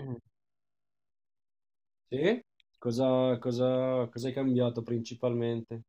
Mm. Sì? Cosa hai cambiato principalmente?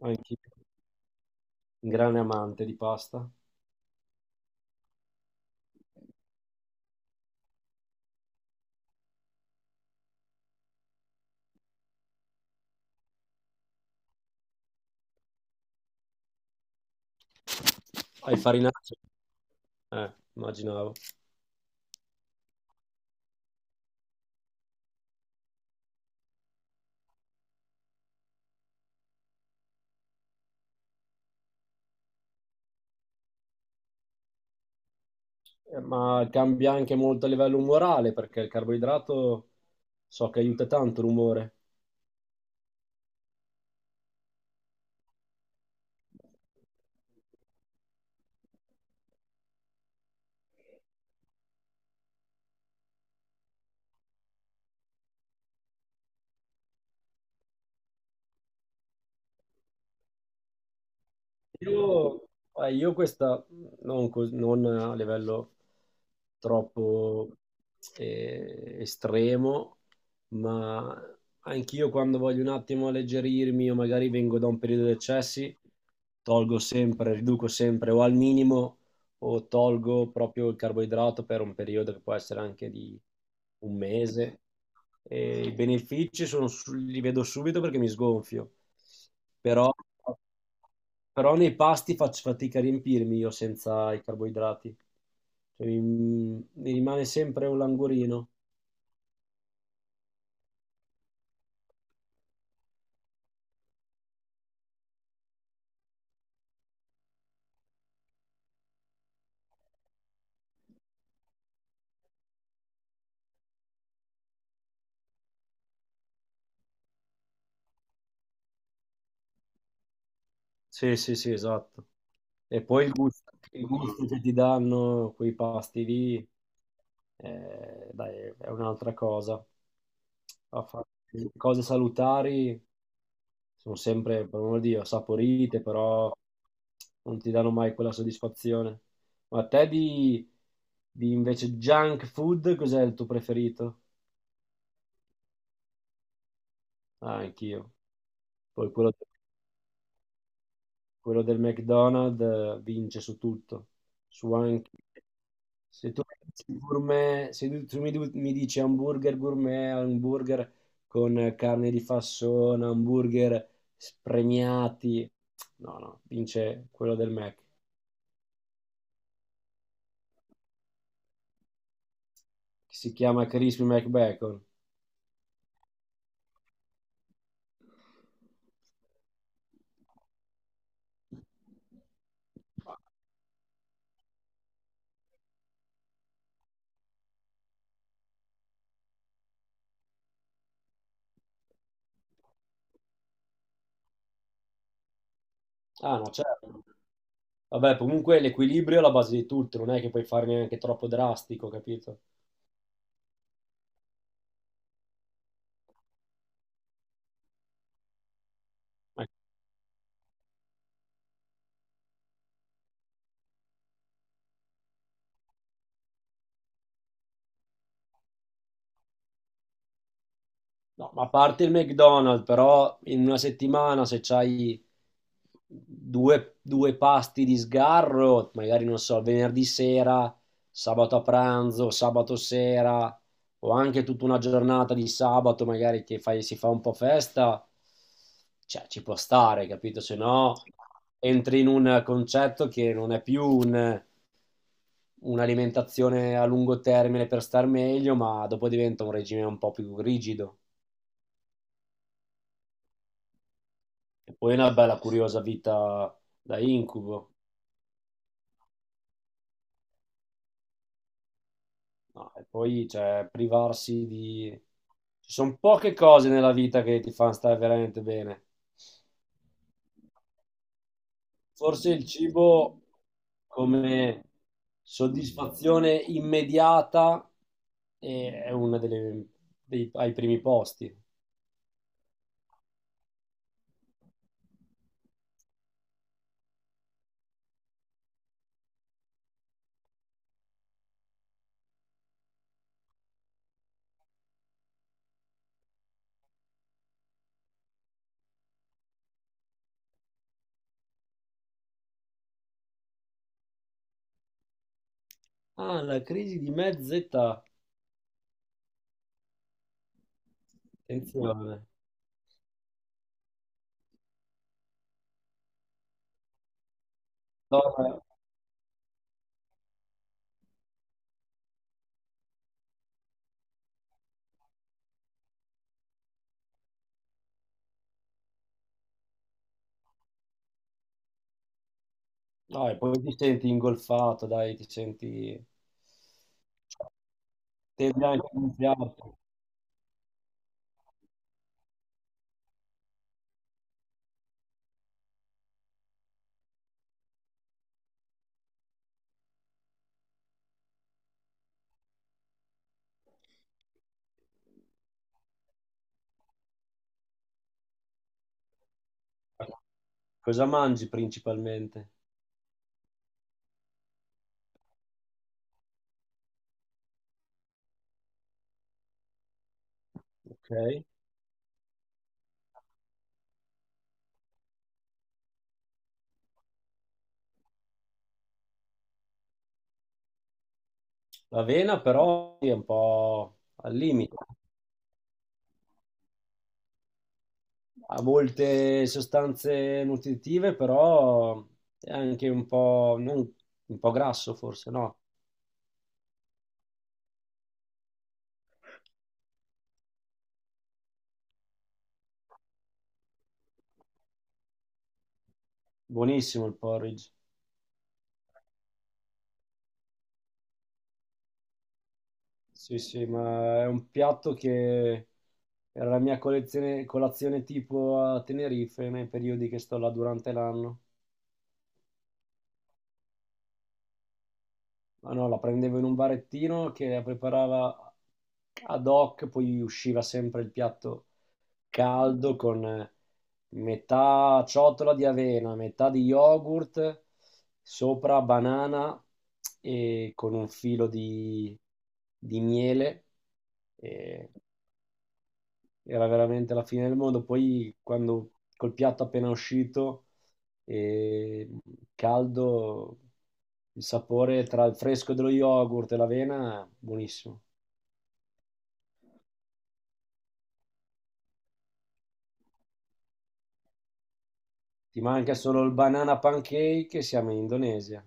Anche un grande amante di pasta. Hai farinato? Immaginavo. Ma cambia anche molto a livello umorale, perché il carboidrato so che aiuta tanto l'umore. Io, io questa non a livello troppo estremo, ma anch'io quando voglio un attimo alleggerirmi o magari vengo da un periodo di eccessi, tolgo sempre, riduco sempre o al minimo o tolgo proprio il carboidrato per un periodo che può essere anche di un mese. E i benefici sono li vedo subito perché mi sgonfio, però, però nei pasti faccio fatica a riempirmi io senza i carboidrati. Cioè, mi rimane sempre un languorino. Sì, sì, sì, esatto. E poi il gusto che ti danno quei pasti lì, dai, è un'altra cosa. A fare cose salutari sono sempre, per amor di Dio, saporite, però non ti danno mai quella soddisfazione. Ma a te di invece junk food, cos'è il tuo preferito? Ah, anch'io. Poi quello del McDonald's vince su tutto, su anche. Se tu, mi dici gourmet- se tu- Mi dici hamburger gourmet, hamburger con carne di fassona, hamburger spremiati, no, no, vince quello del Mac, che si chiama Crispy McBacon. Ah, no, certo. Vabbè, comunque l'equilibrio è la base di tutto, non è che puoi fare neanche troppo drastico, capito? No, ma a parte il McDonald's, però in una settimana se c'hai due pasti di sgarro, magari non so, venerdì sera, sabato a pranzo, sabato sera, o anche tutta una giornata di sabato, magari si fa un po' festa, cioè ci può stare, capito? Se no entri in un concetto che non è più un'alimentazione a lungo termine per star meglio, ma dopo diventa un regime un po' più rigido. E poi una bella curiosa vita da incubo. No, e poi, cioè, privarsi di. Ci sono poche cose nella vita che ti fanno stare veramente bene. Forse il cibo come soddisfazione immediata è ai primi posti. Ah, la crisi di mezza età. Attenzione. No, no, e poi ti senti ingolfato, dai, ti senti. Te bianchi in piatto. Cosa mangi principalmente? Ok. L'avena però sì, è un po' al limite, ha molte sostanze nutritive, però è anche un po' grasso forse, no? Buonissimo il porridge. Sì, sì, ma è un piatto che era la mia colazione tipo a Tenerife nei periodi che sto là durante l'anno. Ma no, la prendevo in un barettino che la preparava ad hoc, poi usciva sempre il piatto caldo con metà ciotola di avena, metà di yogurt, sopra banana e con un filo di miele. E era veramente la fine del mondo. Poi quando col piatto appena uscito e caldo, il sapore tra il fresco dello yogurt e l'avena, buonissimo. Ti manca solo il banana pancake e siamo in Indonesia,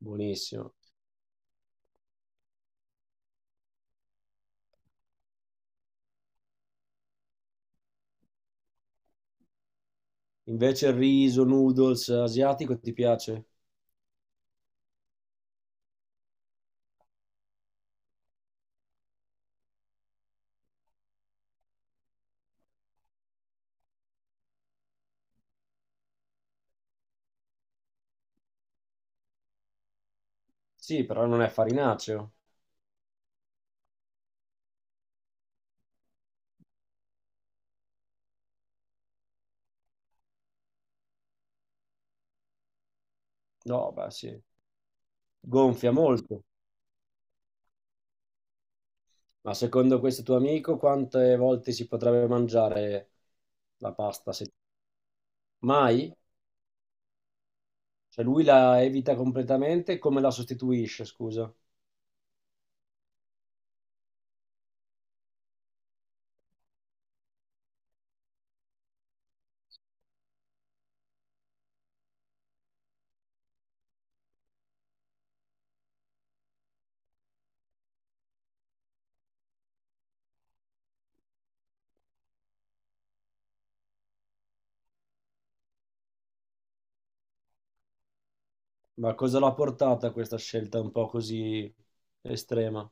buonissimo. Invece il riso, noodles asiatico ti piace? Sì, però non è farinaceo. No, beh, sì. Gonfia molto. Ma secondo questo tuo amico, quante volte si potrebbe mangiare la pasta? Mai? Cioè lui la evita completamente, come la sostituisce, scusa? Ma cosa l'ha portata a questa scelta un po' così estrema?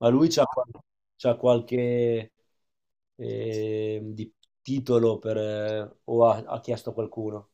Ma lui c'ha qualche eh, di- titolo per, o ha chiesto a qualcuno?